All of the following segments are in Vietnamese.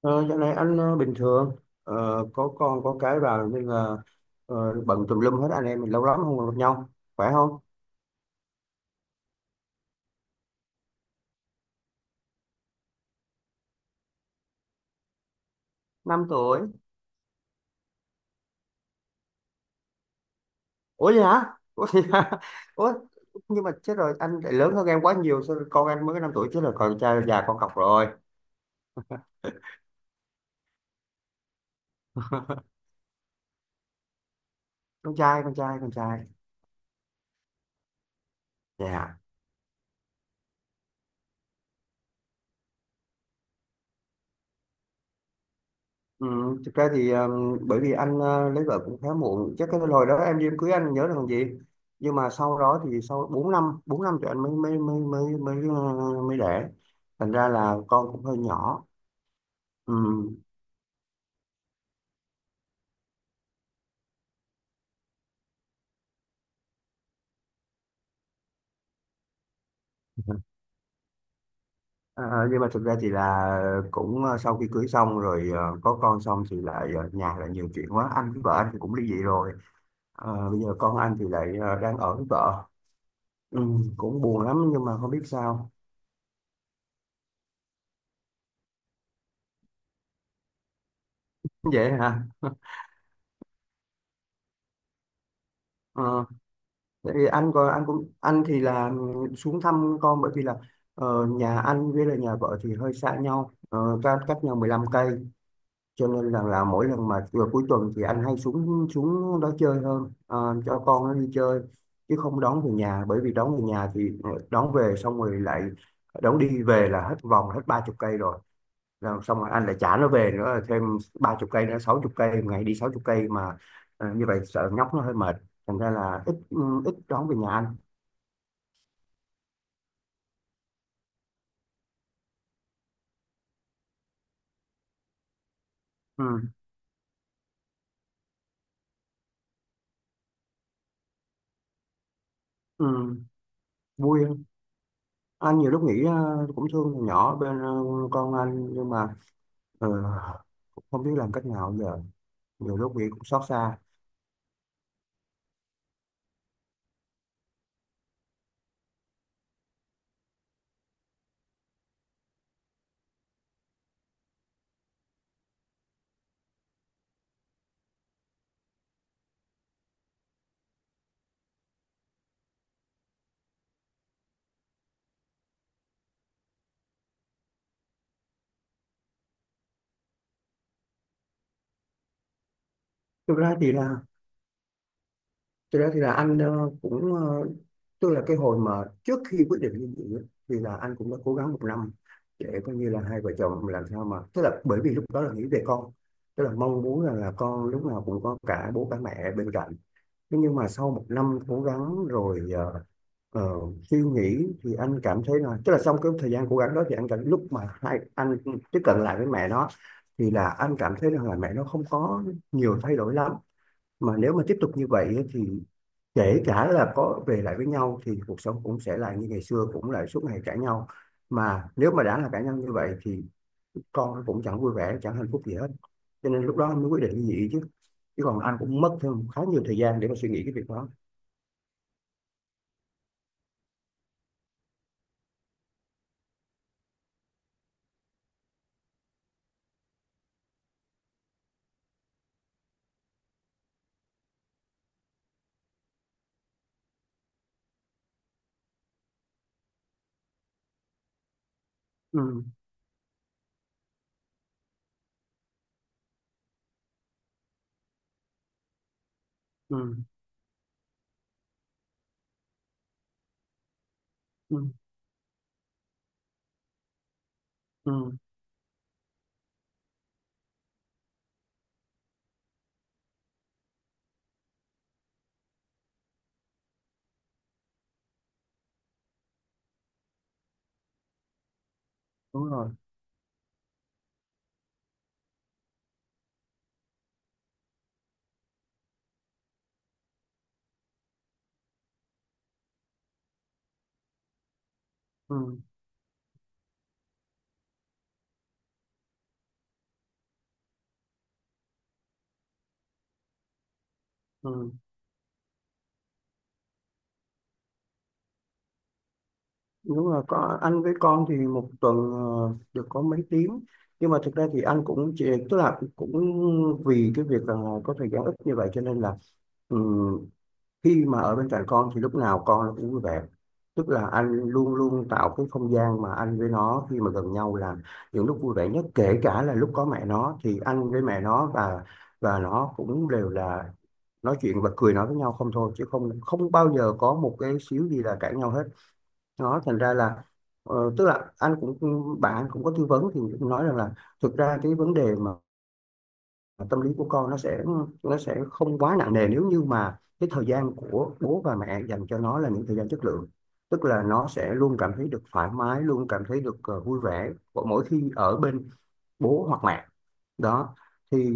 Ờ, Dạo này anh bình thường. Có con có cái vào nên là ờ, bận tùm lum hết. Anh em mình lâu lắm không gặp nhau, khỏe không? 5 tuổi. Ủa, vậy hả? Ủa, vậy hả? Ủa, nhưng mà chết rồi, anh lại lớn hơn em quá nhiều, sao con anh mới có 5 tuổi chứ? Là con trai già con cọc rồi. Con trai, con trai, con trai. Dạ. Ừ, thực ra thì bởi vì anh lấy vợ cũng khá muộn, chắc cái hồi đó em đi em cưới anh nhớ là còn gì. Nhưng mà sau đó thì sau 4 năm thì anh mới mới mới mới mới mới đẻ, thành ra là con cũng hơi nhỏ. Ừ. À, nhưng mà thực ra thì là cũng, sau khi cưới xong rồi, có con xong thì lại, nhà lại nhiều chuyện quá, anh với vợ anh thì cũng ly dị rồi. Bây giờ con anh thì lại đang ở với vợ. Ừ, cũng buồn lắm nhưng mà không biết sao. Vậy hả. Ờ. Tại vì anh còn anh cũng anh thì là xuống thăm con, bởi vì là nhà anh với là nhà vợ thì hơi xa nhau, cách cách nhau 15 cây. Cho nên là mỗi lần mà vừa cuối tuần thì anh hay xuống xuống đó chơi hơn, cho con nó đi chơi chứ không đón về nhà. Bởi vì đón về nhà thì đón về xong rồi lại đón đi về là hết vòng hết 30 cây rồi, là xong rồi anh lại trả nó về nữa là thêm 30 cây nữa, 60 cây, ngày đi 60 cây mà, như vậy sợ nhóc nó hơi mệt. Thành ra là ít ít đón về nhà anh. Ừ. Ừ. Vui không? Anh nhiều lúc nghĩ cũng thương thằng nhỏ bên, con anh, nhưng mà ờ, cũng không biết làm cách nào giờ, nhiều lúc nghĩ cũng xót xa. thực ra thì là Thực ra thì là anh cũng, tức là cái hồi mà trước khi quyết định ly dị á, thì là anh cũng đã cố gắng một năm để coi như là hai vợ chồng làm sao mà, tức là bởi vì lúc đó là nghĩ về con, tức là mong muốn rằng là con lúc nào cũng có cả bố cả mẹ bên cạnh. Thế nhưng mà sau một năm cố gắng rồi, ờ, suy nghĩ thì anh cảm thấy là, tức là trong cái thời gian cố gắng đó thì anh cảm lúc mà hai anh tiếp cận lại với mẹ nó, thì là anh cảm thấy rằng là mẹ nó không có nhiều thay đổi lắm. Mà nếu mà tiếp tục như vậy ấy, thì kể cả là có về lại với nhau thì cuộc sống cũng sẽ là như ngày xưa, cũng lại suốt ngày cãi nhau. Mà nếu mà đã là cãi nhau như vậy thì con nó cũng chẳng vui vẻ chẳng hạnh phúc gì hết, cho nên lúc đó anh mới quyết định ly dị chứ. Chứ còn anh cũng mất thêm khá nhiều thời gian để mà suy nghĩ cái việc đó. Ừ. Ừ. Ừ. Ừ. Đúng rồi. Ừ. Ừ. Đúng rồi, có anh với con thì một tuần được có mấy tiếng. Nhưng mà thực ra thì anh cũng chỉ, tức là cũng vì cái việc là có thời gian ít như vậy cho nên là ừ, khi mà ở bên cạnh con thì lúc nào con nó cũng vui vẻ, tức là anh luôn luôn tạo cái không gian mà anh với nó khi mà gần nhau là những lúc vui vẻ nhất, kể cả là lúc có mẹ nó thì anh với mẹ nó và nó cũng đều là nói chuyện bật cười nói với nhau không thôi, chứ không không bao giờ có một cái xíu gì là cãi nhau hết. Nó thành ra là tức là anh cũng, bạn anh cũng có tư vấn thì cũng nói rằng là thực ra cái vấn đề mà tâm lý của con nó sẽ, nó sẽ không quá nặng nề nếu như mà cái thời gian của bố và mẹ dành cho nó là những thời gian chất lượng, tức là nó sẽ luôn cảm thấy được thoải mái, luôn cảm thấy được vui vẻ mỗi khi ở bên bố hoặc mẹ. Đó thì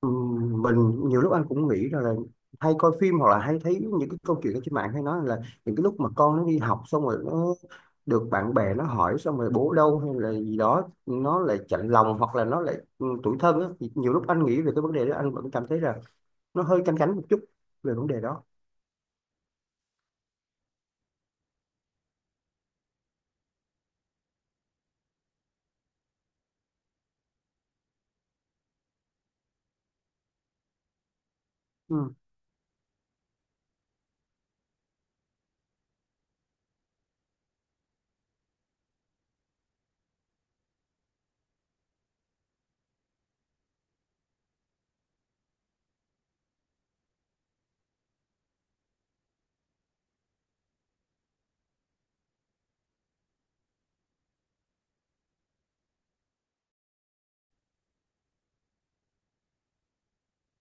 mình nhiều lúc anh cũng nghĩ rằng là hay coi phim hoặc là hay thấy những cái câu chuyện ở trên mạng hay nói là những cái lúc mà con nó đi học xong rồi nó được bạn bè nó hỏi xong rồi bố đâu hay là gì đó, nó lại chạnh lòng hoặc là nó lại tủi thân á. Thì nhiều lúc anh nghĩ về cái vấn đề đó anh vẫn cảm thấy là nó hơi canh cánh một chút về vấn đề đó. Ừ.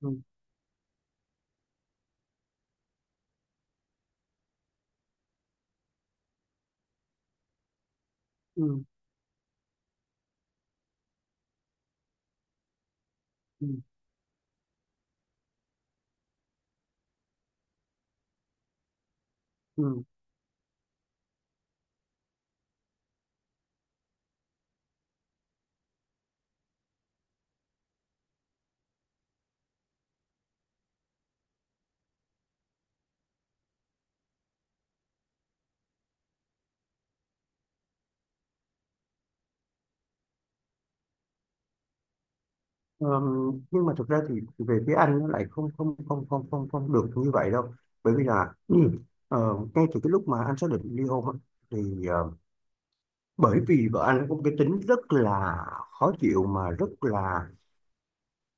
Ừ. Ừ. Ừ. Ừ. Nhưng mà thực ra thì về phía anh nó lại không không không không không không được như vậy đâu, bởi vì là ờ, ngay từ cái lúc mà anh xác định ly hôn á, thì bởi vì vợ anh có một cái tính rất là khó chịu mà rất là,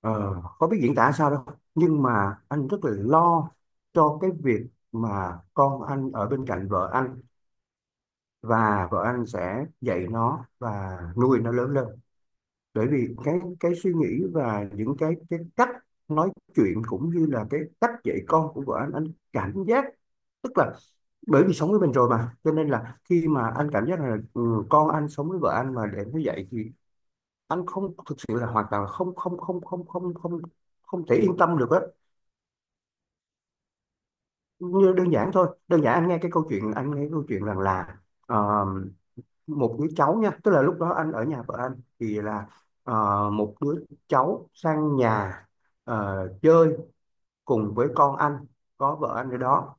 ờ, khó biết diễn tả sao đâu, nhưng mà anh rất là lo cho cái việc mà con anh ở bên cạnh vợ anh và vợ anh sẽ dạy nó và nuôi nó lớn lên. Bởi vì cái suy nghĩ và những cái cách nói chuyện cũng như là cái cách dạy con của vợ anh cảm giác, tức là bởi vì sống với mình rồi mà cho nên là khi mà anh cảm giác là con anh sống với vợ anh mà để nó dạy thì anh không thực sự là hoàn toàn là không không không không không không không thể yên tâm được á. Như đơn giản thôi, đơn giản anh nghe cái câu chuyện, anh nghe câu chuyện rằng là ờ, một đứa cháu nha, tức là lúc đó anh ở nhà vợ anh thì là một đứa cháu sang nhà chơi cùng với con anh, có vợ anh ở đó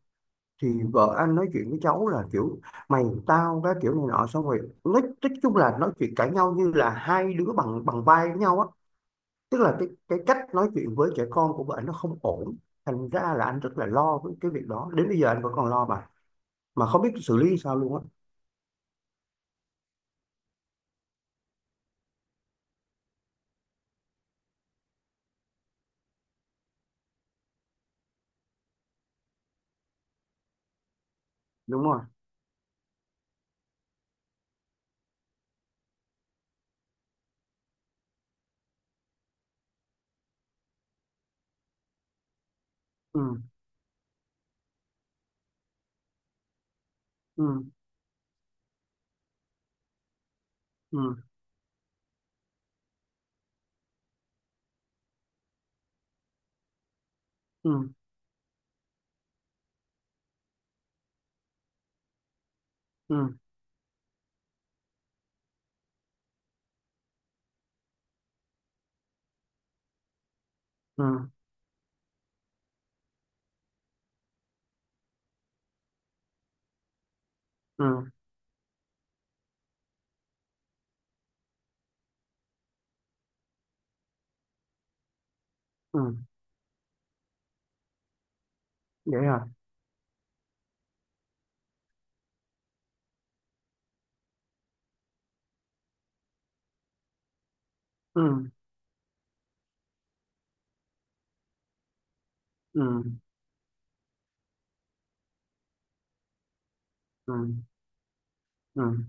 thì vợ anh nói chuyện với cháu là kiểu mày tao cái kiểu này nọ, xong rồi nói chung là nói chuyện cãi nhau như là hai đứa bằng bằng vai với nhau á, tức là cái cách nói chuyện với trẻ con của vợ anh nó không ổn. Thành ra là anh rất là lo với cái việc đó, đến bây giờ anh vẫn còn lo mà không biết xử lý sao luôn á. Đúng rồi. Ừ. Ừ. Ừ. Ừ. Ừ. Ừ. Ừ. Ừ. Vậy hả. Ừ. Ừ. Ừ. Ừ.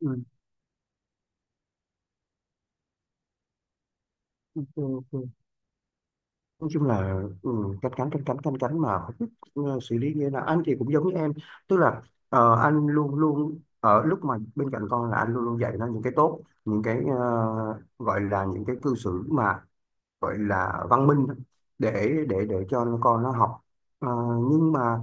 Ừ. OK. OK. Nói chung là canh cánh mà không biết xử lý như thế nào. Anh thì cũng giống như em, tức là anh luôn luôn ở lúc mà bên cạnh con là anh luôn luôn dạy nó những cái tốt, những cái gọi là những cái cư xử mà gọi là văn minh để cho con nó học. Ờ, nhưng mà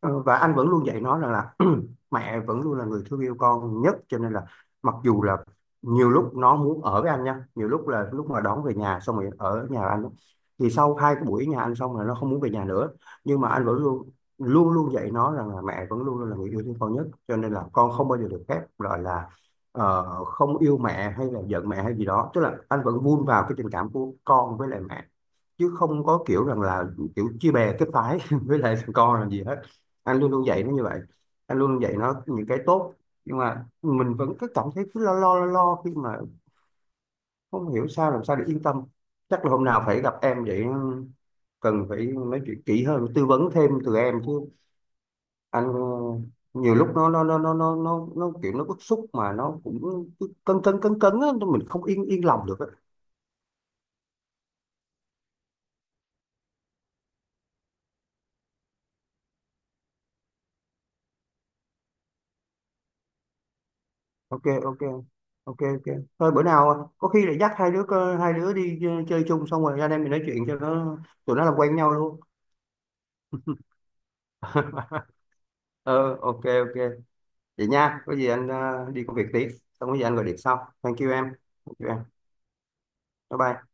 và anh vẫn luôn dạy nó rằng là mẹ vẫn luôn là người thương yêu con nhất, cho nên là mặc dù là nhiều lúc nó muốn ở với anh nha, nhiều lúc là lúc mà đón về nhà xong rồi ở nhà anh á, thì sau 2 cái buổi nhà anh xong là nó không muốn về nhà nữa. Nhưng mà anh vẫn luôn luôn luôn dạy nó rằng là mẹ vẫn luôn luôn là người yêu thương con nhất, cho nên là con không bao giờ được phép gọi là không yêu mẹ hay là giận mẹ hay gì đó, tức là anh vẫn vun vào cái tình cảm của con với lại mẹ, chứ không có kiểu rằng là kiểu chia bè kết phái với lại thằng con làm gì hết. Anh luôn luôn dạy nó như vậy. Anh luôn luôn dạy nó những cái tốt. Nhưng mà mình vẫn cứ cảm thấy cứ lo lo lo lo khi mà không hiểu sao làm sao để yên tâm. Chắc là hôm nào phải gặp em vậy, cần phải nói chuyện kỹ hơn, tư vấn thêm từ em chứ. Anh nhiều lúc nó nó kiểu nó bức xúc mà nó cũng cứ cấn cấn cấn cấn á, mình không yên yên lòng được á. OK. OK. OK. OK. Thôi bữa nào có khi lại dắt hai đứa đi chơi chung, xong rồi anh em mình nói chuyện cho nó, tụi nó làm quen nhau luôn. Ờ, OK. OK. Vậy nha, có gì anh đi công việc tí, xong có gì anh gọi điện sau. Thank you em. Thank you em. Bye bye.